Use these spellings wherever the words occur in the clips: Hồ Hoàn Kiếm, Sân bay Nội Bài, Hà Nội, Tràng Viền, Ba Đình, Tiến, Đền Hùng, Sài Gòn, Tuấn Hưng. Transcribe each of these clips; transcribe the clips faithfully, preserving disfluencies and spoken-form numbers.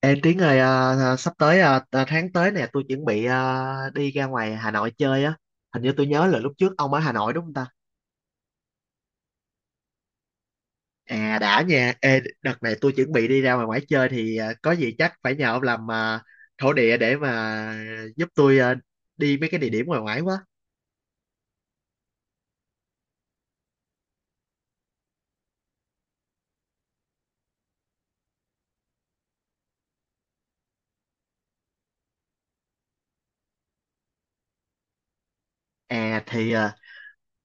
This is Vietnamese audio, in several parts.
Ê Tiến ơi, à, à, sắp tới à, à, tháng tới nè, tôi chuẩn bị à, đi ra ngoài Hà Nội chơi á. Hình như tôi nhớ là lúc trước ông ở Hà Nội đúng không ta? À đã nha. Ê, đợt này tôi chuẩn bị đi ra ngoài ngoài chơi thì à, có gì chắc phải nhờ ông làm à, thổ địa để mà giúp tôi à, đi mấy cái địa điểm ngoài ngoài quá. À thì à,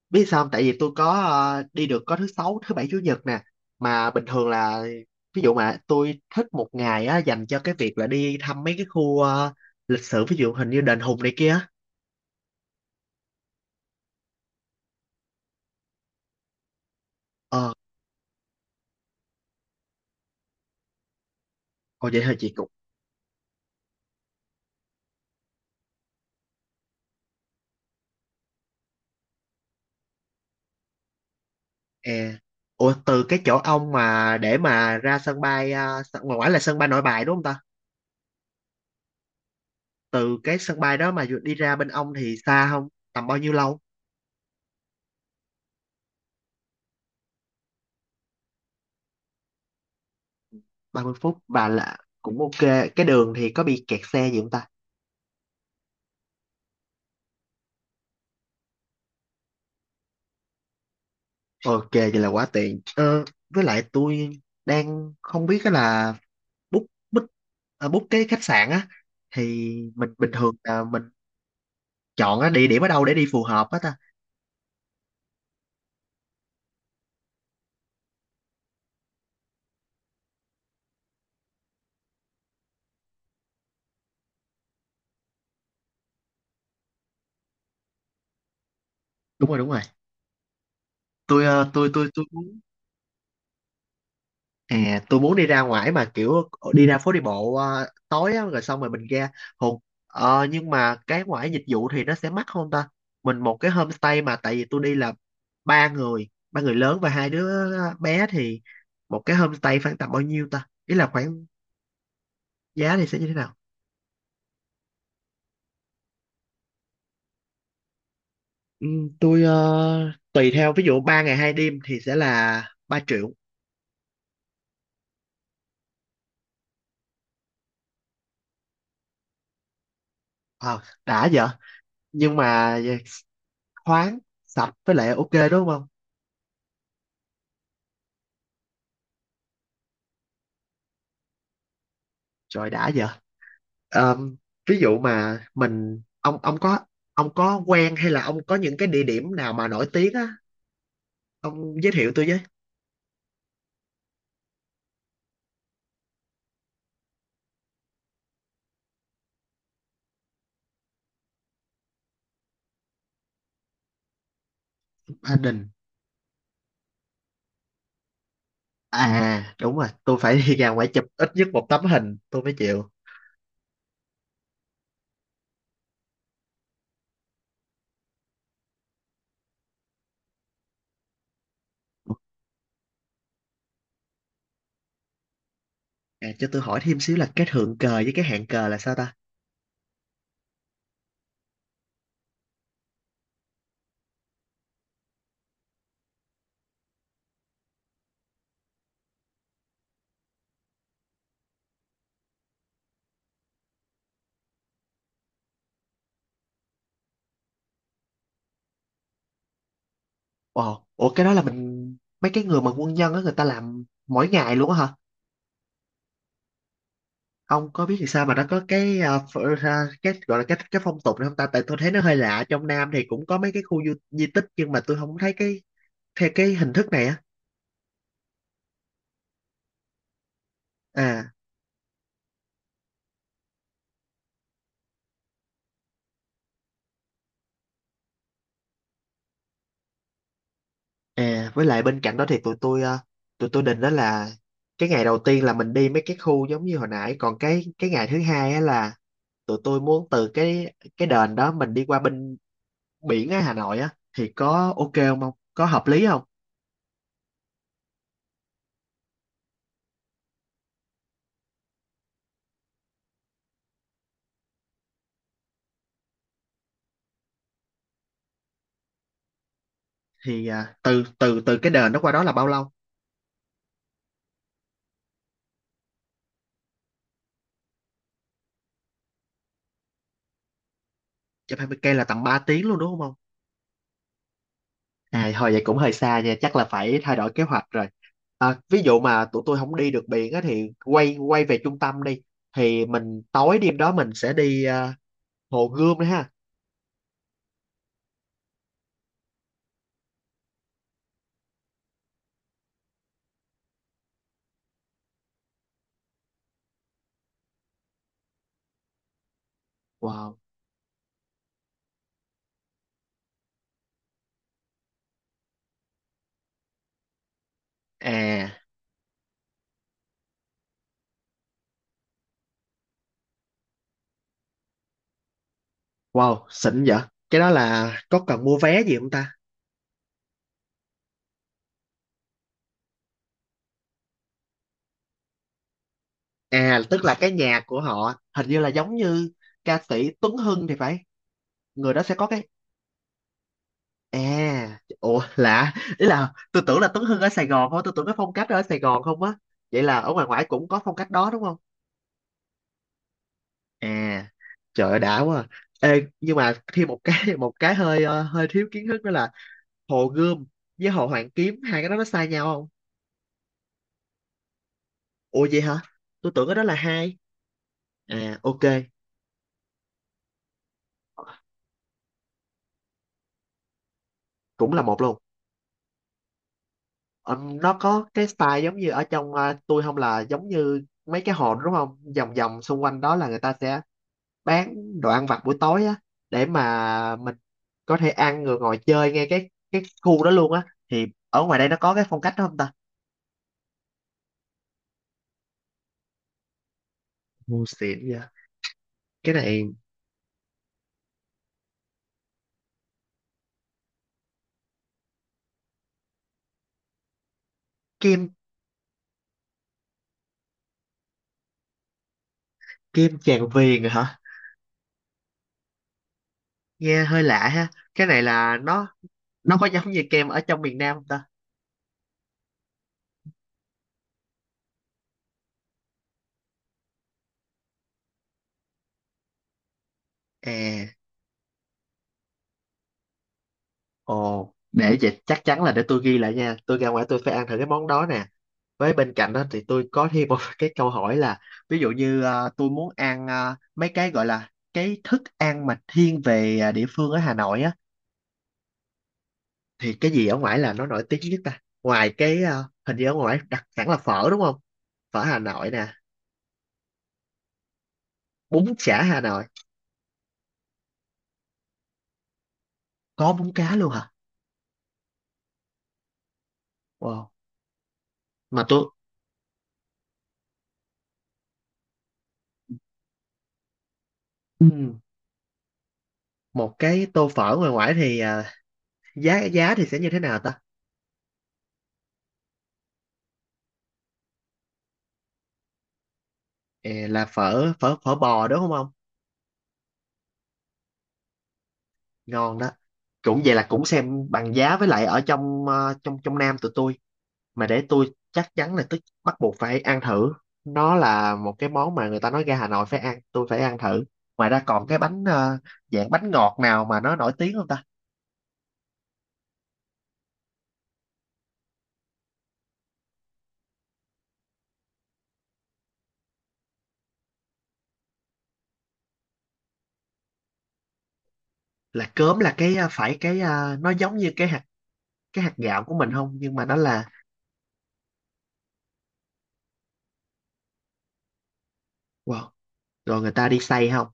biết sao không? Tại vì tôi có ờ, đi được có thứ sáu thứ bảy chủ nhật nè, mà bình thường là ví dụ mà tôi thích một ngày á dành cho cái việc là đi thăm mấy cái khu ờ, lịch sử, ví dụ hình như đền Hùng này kia. Ờ, ồ vậy thôi chị cũng. E, ủa từ cái chỗ ông mà để mà ra sân bay ờ, sân- ngoài ngoài là sân bay Nội Bài đúng không ta? Từ cái sân bay đó mà đi ra bên ông thì xa không, tầm bao nhiêu lâu? Ba mươi phút bà, là cũng ok. Cái đường thì có bị kẹt xe gì không ta? Ok, vậy là quá tiện. Ờ, với lại tôi đang không biết á là book book à, book cái khách sạn á thì mình bình thường là mình chọn á, địa điểm ở đâu để đi phù hợp á ta. Đúng rồi, đúng rồi. Tôi ờ, tôi tôi tôi muốn. À, tôi muốn đi ra ngoài mà kiểu đi ra phố đi bộ ờ, tối á, rồi xong rồi mình ra Hùng. Ờ, nhưng mà cái ngoài dịch vụ thì nó sẽ mắc không ta? Mình một cái homestay mà tại vì tôi đi là ba người ba người lớn và hai đứa bé thì một cái homestay khoảng tầm bao nhiêu ta, ý là khoảng giá thì sẽ như thế nào? Ừ, tôi ờ, tùy theo ví dụ ba ngày hai đêm thì sẽ là ba triệu. Ờ, đã vậy, nhưng mà khoáng sạch với lại ok đúng không? Trời đã vậy. Ờm, Ví dụ mà mình ông ông có ông có quen hay là ông có những cái địa điểm nào mà nổi tiếng á ông giới thiệu tôi với. Ba Đình. À đúng rồi, tôi phải đi ra ngoài chụp ít nhất một tấm hình tôi mới chịu. À, cho tôi hỏi thêm xíu là cái thượng cờ với cái hạn cờ là sao ta? Ồ, ủa cái đó là mình mấy cái người mà quân nhân á người ta làm mỗi ngày luôn á hả? Ông có biết thì sao mà nó có cái à, ph- à, cái gọi là cái cái phong tục này không ta? Tại tôi thấy nó hơi lạ, trong Nam thì cũng có mấy cái khu du, di tích nhưng mà tôi không thấy cái theo cái hình thức này á. À. À, với lại bên cạnh đó thì tụi tôi ờ, tụi tôi định đó là cái ngày đầu tiên là mình đi mấy cái khu giống như hồi nãy, còn cái cái ngày thứ hai á là tụi tôi muốn từ cái cái đền đó mình đi qua bên biển á Hà Nội á thì có ok không không? Có hợp lý không? Thì à, từ từ từ cái đền đó qua đó là bao lâu? Một trăm hai mươi cây là tầm ba tiếng luôn đúng không? À, thôi vậy cũng hơi xa nha, chắc là phải thay đổi kế hoạch rồi. À, ví dụ mà tụi tôi không đi được biển á thì quay quay về trung tâm đi. Thì mình tối đêm đó mình sẽ đi à, Hồ Gươm đấy ha. Wow. À, wow, xịn vậy. Cái đó là có cần mua vé gì không ta? À, tức là cái nhà của họ hình như là giống như ca sĩ Tuấn Hưng thì phải. Người đó sẽ có cái. À, ủa lạ, ý là tôi tưởng là Tuấn Hưng ở Sài Gòn thôi, tôi tưởng cái phong cách đó ở Sài Gòn không á. Vậy là ở ngoài ngoại cũng có phong cách đó đúng không? À, trời ơi đã quá à. Ê, nhưng mà thêm một cái một cái hơi ờ, hơi thiếu kiến thức đó là Hồ Gươm với Hồ Hoàn Kiếm, hai cái đó nó sai nhau không? Ủa vậy hả, tôi tưởng cái đó là hai. À ok, cũng là một luôn. Ờ, nó có cái style giống như ở trong ờ, tôi không, là giống như mấy cái hồ đó đúng không, vòng vòng xung quanh đó là người ta sẽ bán đồ ăn vặt buổi tối á để mà mình có thể ăn rồi ngồi chơi ngay cái cái khu đó luôn á thì ở ngoài đây nó có cái phong cách đó không ta? Ngu xịn vậy. Cái này. Kem. Kem Tràng Viền rồi hả? Nghe hơi lạ ha. Cái này là nó nó có giống như kem ở trong miền Nam không ta? À, ồ để vậy chắc chắn là để tôi ghi lại nha, tôi ra ngoài tôi phải ăn thử cái món đó nè. Với bên cạnh đó thì tôi có thêm một cái câu hỏi là ví dụ như ờ, tôi muốn ăn ờ, mấy cái gọi là cái thức ăn mà thiên về ờ, địa phương ở Hà Nội á thì cái gì ở ngoài là nó nổi tiếng nhất ta, ngoài cái ờ, hình như ở ngoài đặc sản là phở đúng không? Phở Hà Nội nè. Bún chả Hà Nội. Có bún cá luôn hả? Wow. Mà tôi. Ừm, một cái tô phở ngoài ngoại thì à, giá giá thì sẽ như thế nào ta? Ờ, là phở phở phở bò đúng không ông? Ngon đó. Cũng vậy, là cũng xem bằng giá với lại ở trong ờ, trong trong Nam tụi tôi. Mà để tôi chắc chắn là tôi bắt buộc phải ăn thử, nó là một cái món mà người ta nói ra Hà Nội phải ăn tôi phải ăn thử. Ngoài ra còn cái bánh ờ, dạng bánh ngọt nào mà nó nổi tiếng không ta? Là cớm là cái ờ, phải cái ờ, nó giống như cái hạt, cái hạt gạo của mình không nhưng mà nó là. Wow. Rồi người ta đi xay không?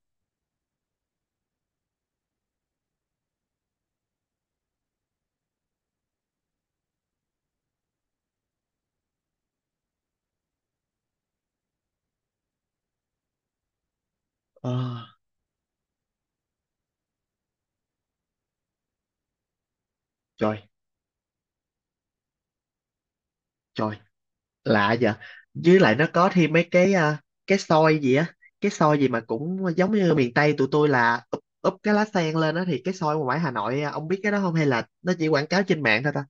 Ờ, trời, trời, lạ vậy. Với lại nó có thêm mấy cái à, cái xôi gì á, cái xôi gì mà cũng giống như miền Tây tụi tôi là úp, úp cái lá sen lên á thì cái xôi ngoài ngoài Hà Nội à, ông biết cái đó không hay là nó chỉ quảng cáo trên mạng thôi ta?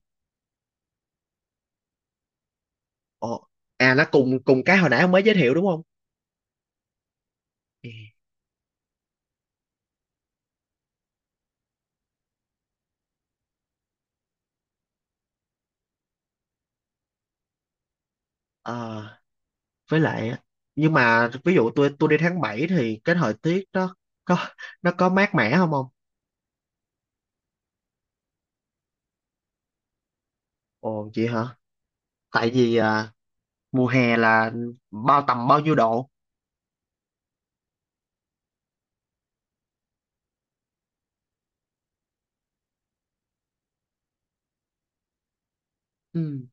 Ồ. À nó cùng cùng cái hồi nãy ông mới giới thiệu đúng không? Ừ. Ờ, với lại á, nhưng mà ví dụ tôi tôi đi tháng bảy thì cái thời tiết đó có nó có mát mẻ không ông? Ồ vậy hả, tại vì à, mùa hè là bao tầm bao nhiêu độ? Ừ.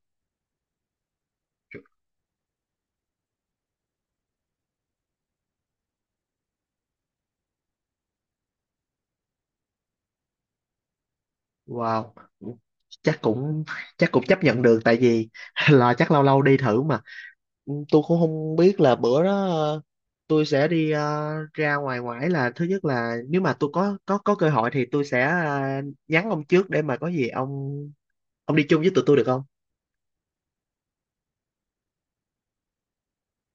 Wow, chắc cũng chắc cũng chấp nhận được, tại vì là chắc lâu lâu đi thử mà. Ừ, tôi cũng không biết là bữa đó ờ, tôi sẽ đi ờ, ra ngoài ngoải là thứ nhất là nếu mà tôi có có có cơ hội thì tôi sẽ ờ, nhắn ông trước để mà có gì ông ông đi chung với tụi tôi được không?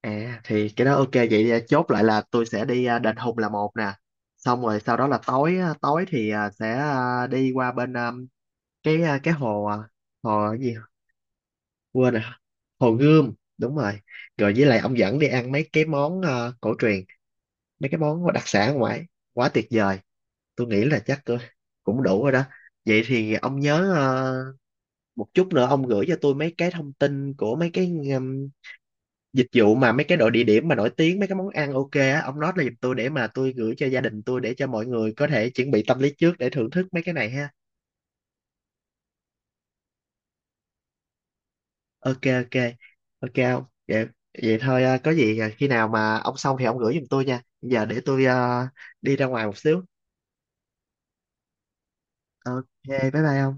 À thì cái đó ok, vậy thì chốt lại là tôi sẽ đi ờ, Đền Hùng là một nè. Xong rồi sau đó là tối á, tối thì ờ, sẽ ờ, đi qua bên ờ, cái ờ, cái hồ ờ, hồ cái gì quên rồi, Hồ Gươm đúng rồi. Rồi với lại ông dẫn đi ăn mấy cái món ờ, cổ truyền, mấy cái món đặc sản ở ngoài. Quá tuyệt vời. Tôi nghĩ là chắc tôi cũng đủ rồi đó. Vậy thì ông nhớ ờ, một chút nữa ông gửi cho tôi mấy cái thông tin của mấy cái ừm, dịch vụ mà mấy cái đội địa điểm mà nổi tiếng, mấy cái món ăn ok á ông nói là giùm tôi để mà tôi gửi cho gia đình tôi để cho mọi người có thể chuẩn bị tâm lý trước để thưởng thức mấy cái này ha. Ok ok. Ok không. Vậy, vậy thôi à, có gì à, khi nào mà ông xong thì ông gửi giùm tôi nha, giờ để tôi à, đi ra ngoài một xíu. Ok, bye bye ông.